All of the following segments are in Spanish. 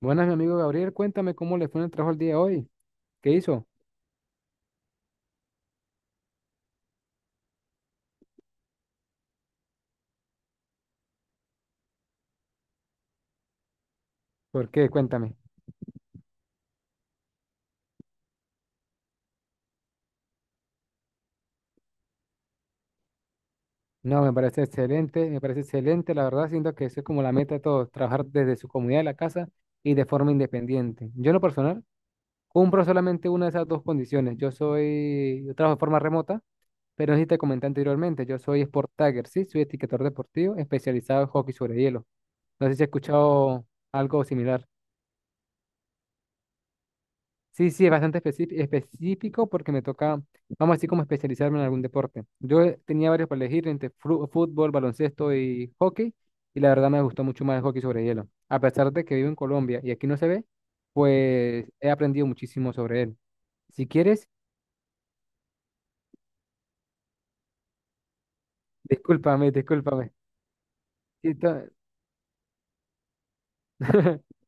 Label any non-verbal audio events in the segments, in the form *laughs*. Buenas, mi amigo Gabriel, cuéntame cómo le fue en el trabajo el día de hoy. ¿Qué hizo? ¿Por qué? Cuéntame. No, me parece excelente, la verdad, siento que eso es como la meta de todos, trabajar desde su comunidad de la casa y de forma independiente. Yo en lo personal cumplo solamente una de esas dos condiciones. Yo trabajo de forma remota, pero no sé si te comenté anteriormente, yo soy Sport Tagger, sí, soy etiquetador deportivo especializado en hockey sobre hielo. No sé si has escuchado algo similar. Sí, sí, es bastante específico porque me toca, vamos a decir, como especializarme en algún deporte. Yo tenía varios para elegir entre fútbol, baloncesto y hockey, y la verdad me gustó mucho más el hockey sobre hielo. A pesar de que vivo en Colombia y aquí no se ve, pues he aprendido muchísimo sobre él. Si quieres, discúlpame, discúlpame. Sí, *laughs*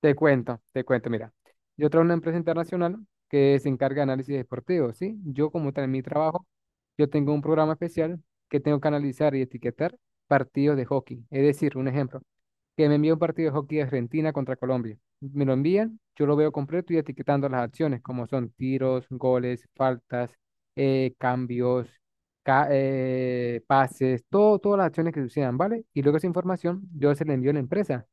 Te cuento, mira, yo trabajo en una empresa internacional que se encarga de análisis deportivo, ¿sí? Yo como tal en mi trabajo, yo tengo un programa especial que tengo que analizar y etiquetar partidos de hockey. Es decir, un ejemplo, que me envía un partido de hockey de Argentina contra Colombia. Me lo envían, yo lo veo completo y etiquetando las acciones, como son tiros, goles, faltas, cambios, pases, todo, todas las acciones que sucedan, ¿vale? Y luego esa información yo se la envío a la empresa.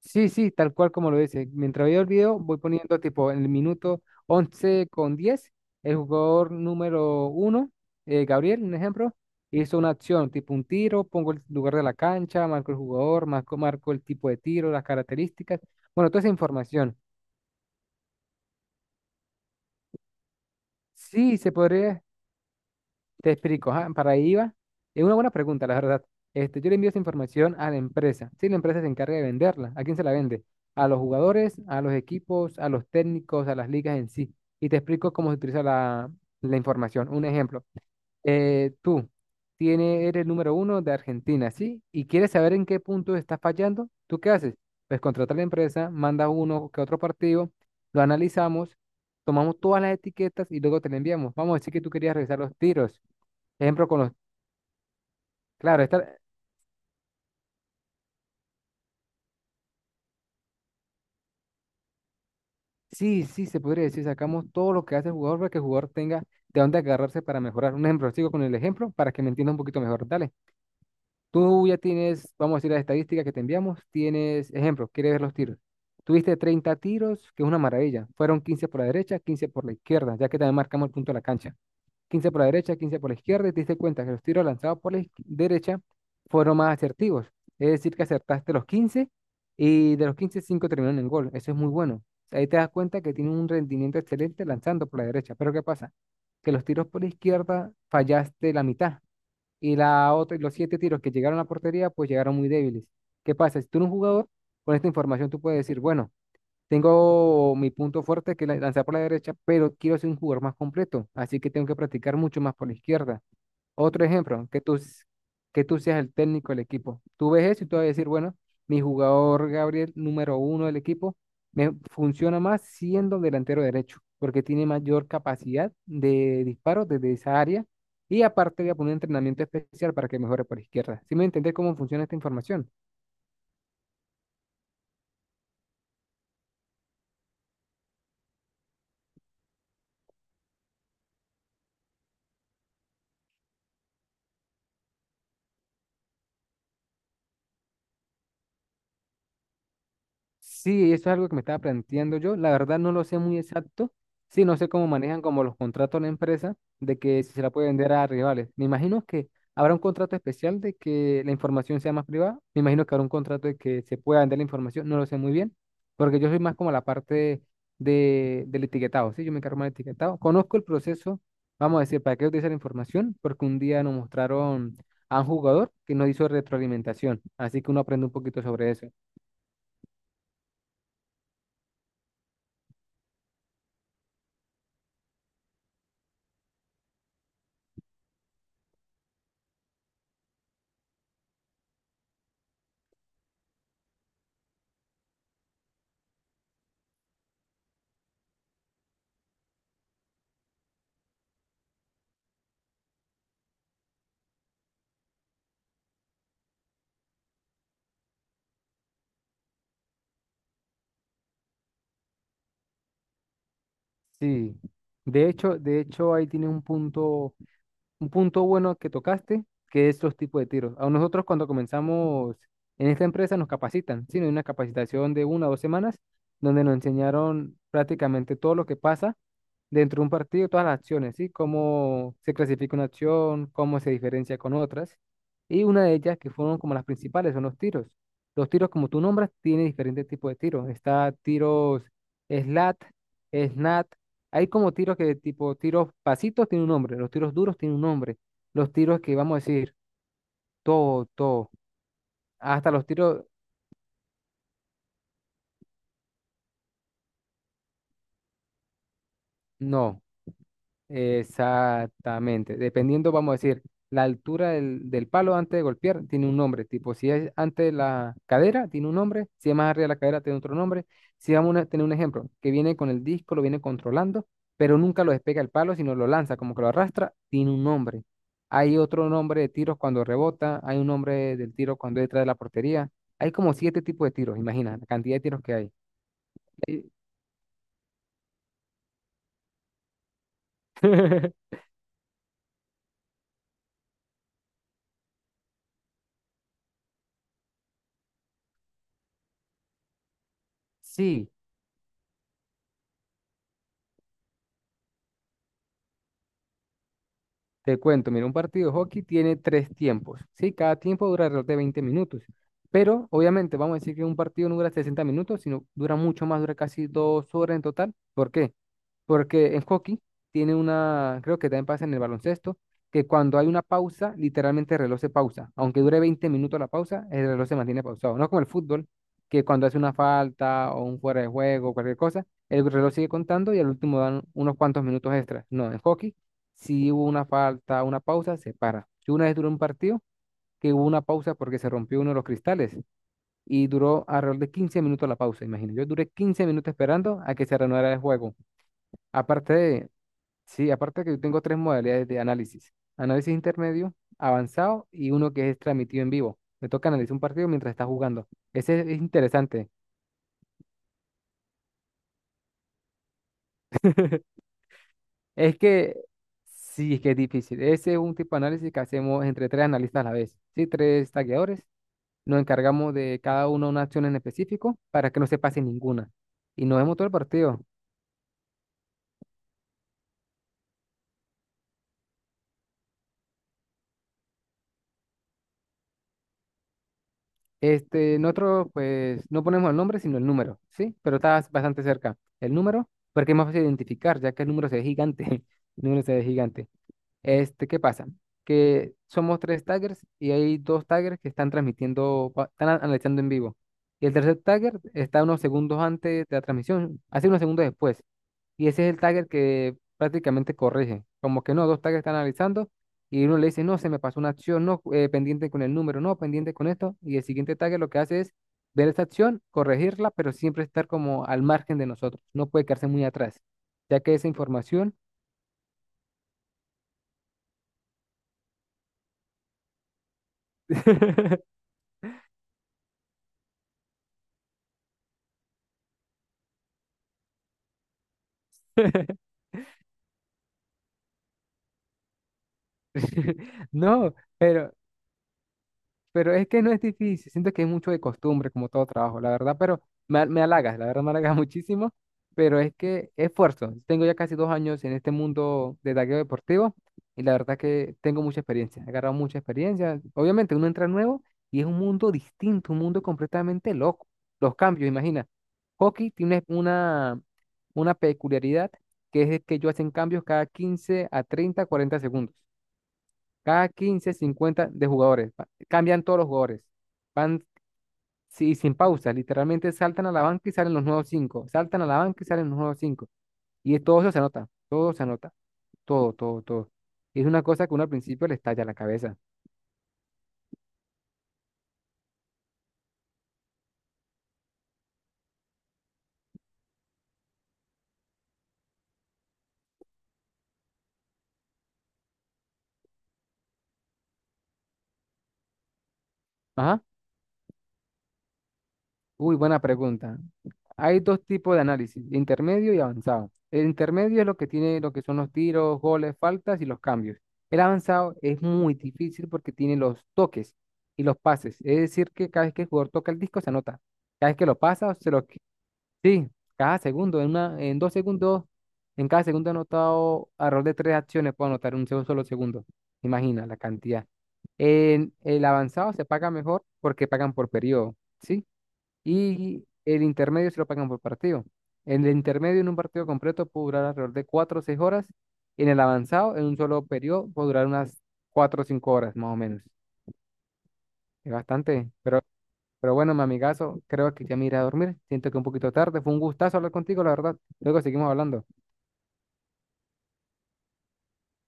Sí, sí, tal cual como lo dice. Mientras veo el video, voy poniendo tipo en el minuto 11 con 10, el jugador número 1, Gabriel, un ejemplo, hizo una acción, tipo un tiro, pongo el lugar de la cancha, marco el jugador, marco el tipo de tiro, las características, bueno, toda esa información. Sí, se podría. Te explico, ajá, para ahí iba. Es una buena pregunta, la verdad. Este, yo le envío esa información a la empresa. Si la empresa se encarga de venderla, ¿a quién se la vende? A los jugadores, a los equipos, a los técnicos, a las ligas en sí. Y te explico cómo se utiliza la información. Un ejemplo. Tú eres el número 1 de Argentina, ¿sí? Y quieres saber en qué punto estás fallando. ¿Tú qué haces? Pues contrata a la empresa, manda uno que otro partido, lo analizamos, tomamos todas las etiquetas y luego te la enviamos. Vamos a decir que tú querías revisar los tiros. Ejemplo, con los. Claro, esta, sí, sí, se podría decir, sacamos todo lo que hace el jugador para que el jugador tenga de dónde agarrarse para mejorar. Un ejemplo, sigo con el ejemplo para que me entienda un poquito mejor. Dale, tú ya tienes, vamos a decir, las estadísticas que te enviamos, tienes, ejemplo, quieres ver los tiros. Tuviste 30 tiros, que es una maravilla. Fueron 15 por la derecha, 15 por la izquierda, ya que también marcamos el punto de la cancha. 15 por la derecha, 15 por la izquierda, y te diste cuenta que los tiros lanzados por la derecha fueron más asertivos. Es decir, que acertaste los 15 y de los 15, 5 terminaron en gol. Eso es muy bueno. Ahí te das cuenta que tiene un rendimiento excelente lanzando por la derecha. Pero ¿qué pasa? Que los tiros por la izquierda fallaste la mitad y la otra, los siete tiros que llegaron a la portería, pues llegaron muy débiles. ¿Qué pasa? Si tú eres un jugador, con esta información tú puedes decir, bueno, tengo mi punto fuerte, que es lanzar por la derecha, pero quiero ser un jugador más completo, así que tengo que practicar mucho más por la izquierda. Otro ejemplo, que tú seas el técnico del equipo. Tú ves eso y tú vas a decir, bueno, mi jugador Gabriel, número 1 del equipo, me funciona más siendo delantero derecho, porque tiene mayor capacidad de disparo desde esa área y aparte voy a poner un entrenamiento especial para que mejore por izquierda. ¿Sí me entendés cómo funciona esta información? Sí, eso es algo que me estaba planteando yo. La verdad no lo sé muy exacto. Sí, no sé cómo manejan como los contratos de la empresa de que si se la puede vender a rivales. Me imagino que habrá un contrato especial de que la información sea más privada. Me imagino que habrá un contrato de que se pueda vender la información. No lo sé muy bien, porque yo soy más como la parte del etiquetado. Sí, yo me encargo más del etiquetado. Conozco el proceso, vamos a decir, para qué utilizar la información, porque un día nos mostraron a un jugador que nos hizo retroalimentación. Así que uno aprende un poquito sobre eso. Sí, de hecho ahí tiene un punto bueno que tocaste, que es los tipos de tiros. A nosotros cuando comenzamos en esta empresa nos capacitan, sí, nos dio una capacitación de 1 o 2 semanas donde nos enseñaron prácticamente todo lo que pasa dentro de un partido, todas las acciones, ¿sí? Cómo se clasifica una acción, cómo se diferencia con otras. Y una de ellas, que fueron como las principales, son los tiros. Los tiros, como tú nombras, tiene diferentes tipos de tiros. Está tiros slat, snat. Hay como tiros que tipo tiros pasitos tiene un nombre, los tiros duros tiene un nombre, los tiros que vamos a decir, todo, todo, hasta los tiros, no. Exactamente. Dependiendo, vamos a decir, la altura del palo antes de golpear tiene un nombre. Tipo, si es antes de la cadera, tiene un nombre. Si es más arriba de la cadera, tiene otro nombre. Si vamos a tener un ejemplo, que viene con el disco, lo viene controlando, pero nunca lo despega el palo, sino lo lanza, como que lo arrastra, tiene un nombre. Hay otro nombre de tiros cuando rebota, hay un nombre del tiro cuando es detrás de la portería. Hay como siete tipos de tiros, imagina la cantidad de tiros que hay. *laughs* Sí, te cuento, mira, un partido de hockey tiene tres tiempos, ¿sí? Cada tiempo dura alrededor de 20 minutos, pero obviamente vamos a decir que un partido no dura 60 minutos, sino dura mucho más, dura casi 2 horas en total. ¿Por qué? Porque en hockey tiene una, creo que también pasa en el baloncesto, que cuando hay una pausa, literalmente el reloj se pausa. Aunque dure 20 minutos la pausa, el reloj se mantiene pausado. No como el fútbol, que cuando hace una falta o un fuera de juego, cualquier cosa, el reloj sigue contando y al último dan unos cuantos minutos extras. No, en hockey, si hubo una falta, una pausa, se para. Yo una vez duré un partido que hubo una pausa porque se rompió uno de los cristales y duró alrededor de 15 minutos la pausa, imagínate. Yo duré 15 minutos esperando a que se reanudara el juego. Aparte, sí, aparte que yo tengo tres modalidades de análisis. Análisis intermedio, avanzado y uno que es transmitido en vivo. Me toca analizar un partido mientras está jugando. Ese es interesante. Es que sí, es que es difícil. Ese es un tipo de análisis que hacemos entre tres analistas a la vez. Sí, tres tagueadores. Nos encargamos de cada uno una acción en específico para que no se pase ninguna. Y nos vemos todo el partido. Este, nosotros pues no ponemos el nombre, sino el número, ¿sí? Pero estás bastante cerca. El número, porque es más fácil de identificar, ya que el número se ve gigante. *laughs* El número se ve gigante. Este, ¿qué pasa? Que somos tres taggers y hay dos taggers que están transmitiendo, analizando en vivo. Y el tercer tagger está unos segundos antes de la transmisión, hace unos segundos después. Y ese es el tagger que prácticamente corrige. Como que no, dos taggers están analizando y uno le dice, no, se me pasó una acción, no, pendiente con el número, no, pendiente con esto. Y el siguiente tagger lo que hace es ver esa acción, corregirla, pero siempre estar como al margen de nosotros. No puede quedarse muy atrás, ya que esa información... *laughs* *laughs* No, pero es que no es difícil, siento que es mucho de costumbre, como todo trabajo, la verdad, pero me halagas, la verdad me halagas *laughs* muchísimo, pero es que esfuerzo. Tengo ya casi 2 años en este mundo de tagueo deportivo y la verdad que tengo mucha experiencia, he agarrado mucha experiencia. Obviamente uno entra nuevo y es un mundo distinto, un mundo completamente loco. Los cambios, imagina. Hockey tiene una peculiaridad que es que ellos hacen cambios cada 15 a 30, 40 segundos. Cada 15, 50 de jugadores. Cambian todos los jugadores. Van, sí, sin pausa. Literalmente saltan a la banca y salen los nuevos cinco. Saltan a la banca y salen los nuevos cinco. Y es todo, eso se anota. Todo se anota. Todo, todo, todo. Es una cosa que uno al principio le estalla la cabeza. Ajá. Uy, buena pregunta. Hay dos tipos de análisis, intermedio y avanzado. El intermedio es lo que tiene, lo que son los tiros, goles, faltas y los cambios. El avanzado es muy difícil porque tiene los toques y los pases. Es decir, que cada vez que el jugador toca el disco se anota. Cada vez que lo pasa, se lo, sí, cada segundo, en 2 segundos, en cada segundo ha anotado alrededor de tres acciones, puedo anotar en un solo segundo. Imagina la cantidad. En el avanzado se paga mejor porque pagan por periodo, ¿sí? Y el intermedio se lo pagan por partido. El intermedio en un partido completo puede durar alrededor de 4 o 6 horas, en el avanzado, en un solo periodo, puede durar unas 4 o 5 horas más o menos. Es bastante, pero bueno, mi amigazo, creo que ya me iré a dormir. Siento que un poquito tarde, fue un gustazo hablar contigo, la verdad. Luego seguimos hablando.